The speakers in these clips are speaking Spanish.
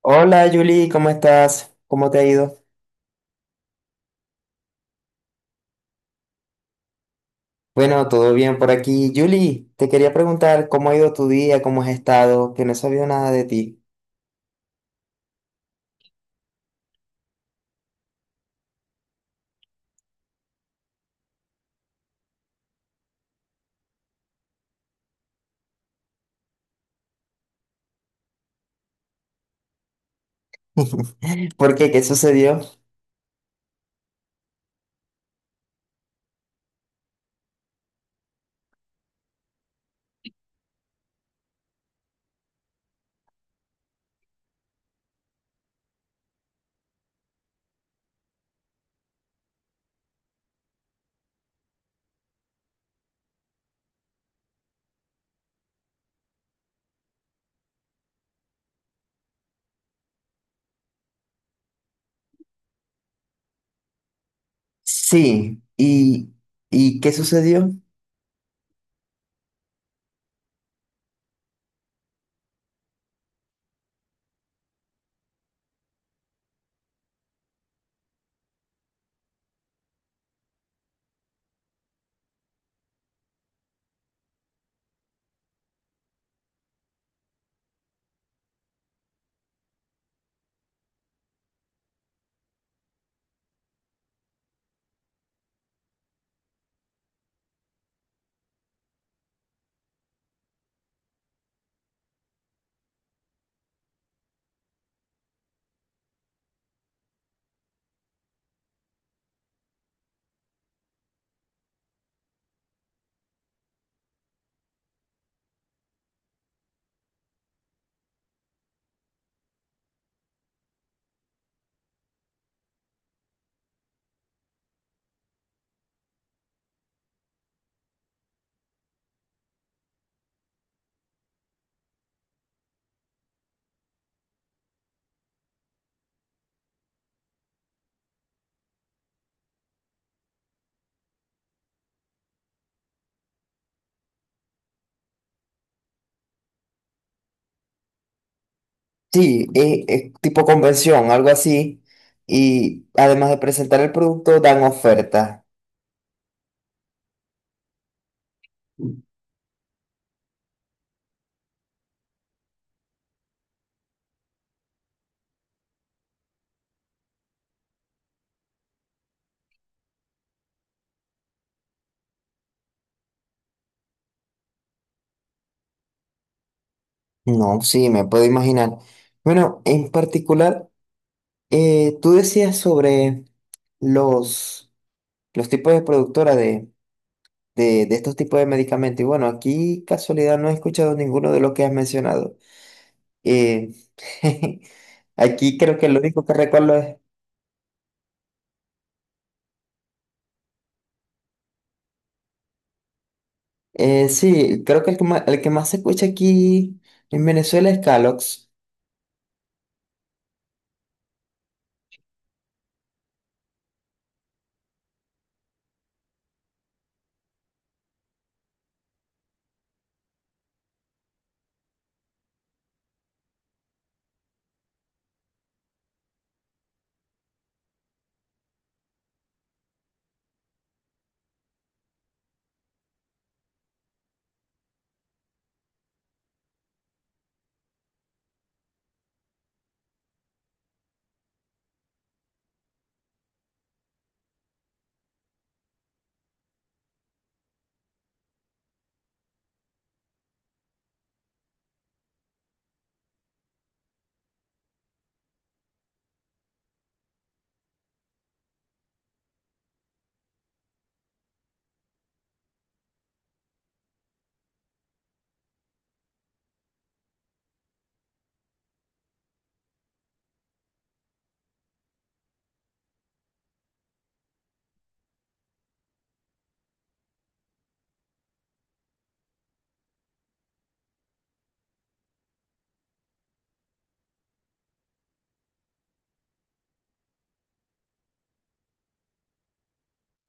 Hola Julie, ¿cómo estás? ¿Cómo te ha ido? Bueno, todo bien por aquí. Julie, te quería preguntar cómo ha ido tu día, cómo has estado, que no he sabido nada de ti. ¿Por qué? ¿Qué sucedió? Sí, ¿ y qué sucedió? Sí, tipo convención, algo así. Y además de presentar el producto, dan oferta. No, sí, me puedo imaginar. Bueno, en particular, tú decías sobre los, los tipos de productora de de estos tipos de medicamentos. Y bueno, aquí casualidad no he escuchado ninguno de los que has mencionado. Eh, aquí creo que lo único que recuerdo es, sí, creo que el que más se escucha aquí en Venezuela es Calox.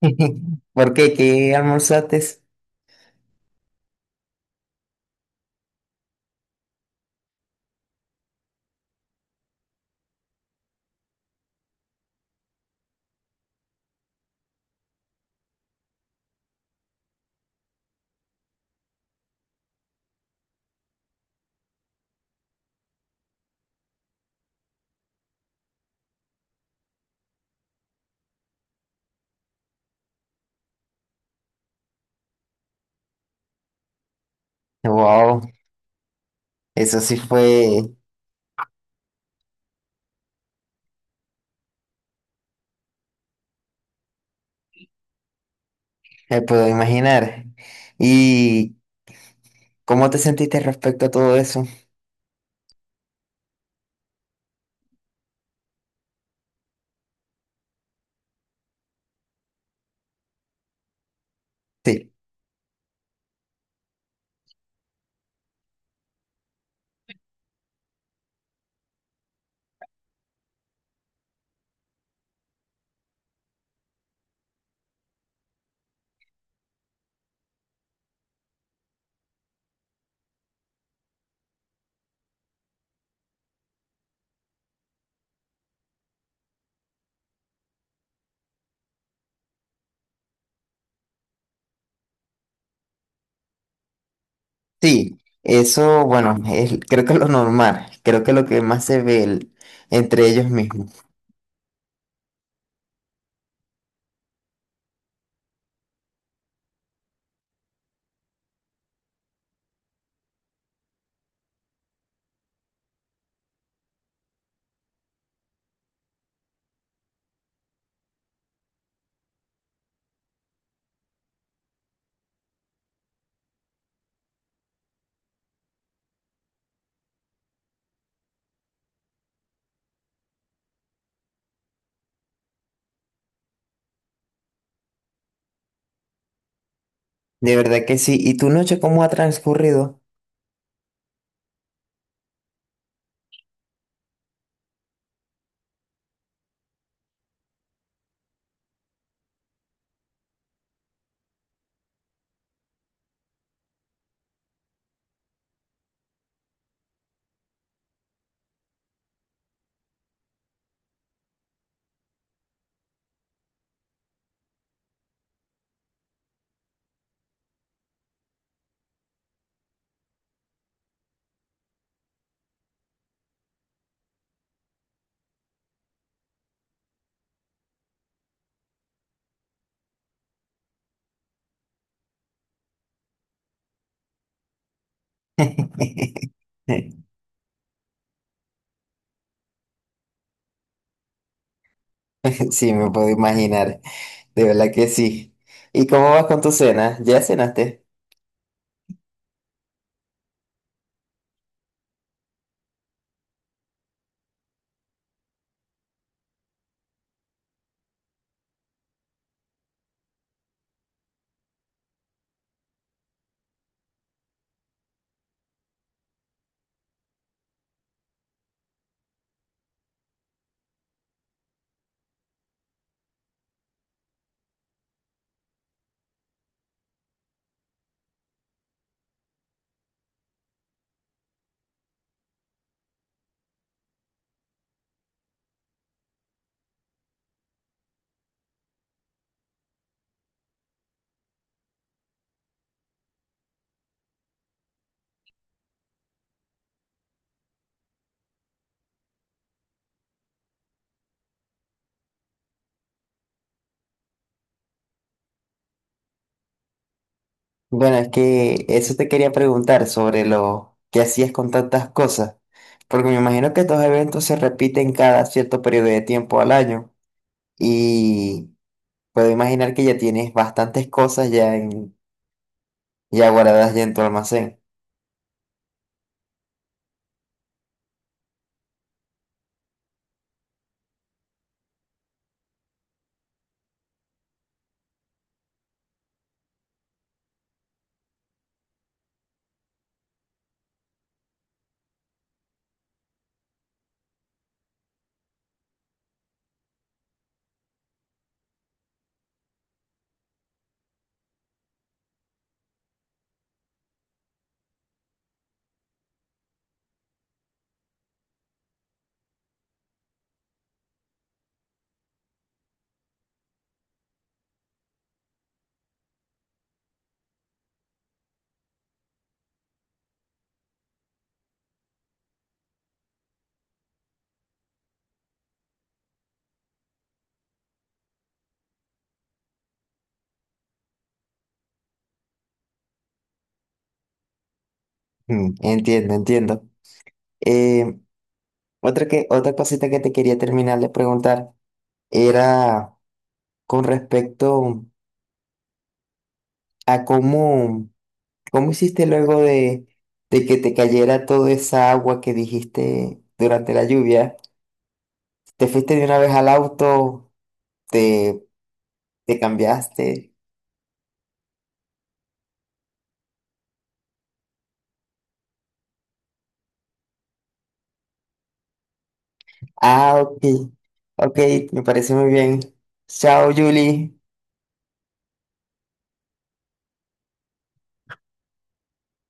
¿Por qué? ¿Qué almorzaste? Wow, eso sí fue, me puedo imaginar. ¿Y cómo te sentiste respecto a todo eso? Sí. Sí, eso, bueno, creo que es lo normal, creo que es lo que más se ve entre ellos mismos. De verdad que sí. ¿Y tu noche cómo ha transcurrido? Sí, me puedo imaginar, de verdad que sí. ¿Y cómo vas con tu cena? ¿Ya cenaste? Bueno, es que eso te quería preguntar sobre lo que hacías con tantas cosas, porque me imagino que estos eventos se repiten cada cierto periodo de tiempo al año. y Puedo imaginar que ya tienes bastantes cosas ya, ya guardadas ya en tu almacén. Mm, entiendo, entiendo. Eh, otra cosita que te quería terminar de preguntar era con respecto a cómo hiciste luego de que te cayera toda esa agua que dijiste durante la lluvia. ¿Te fuiste de una vez al auto? ¿Te, ¿te cambiaste? Ah, ok. Ok, me parece muy bien. Chao, Julie.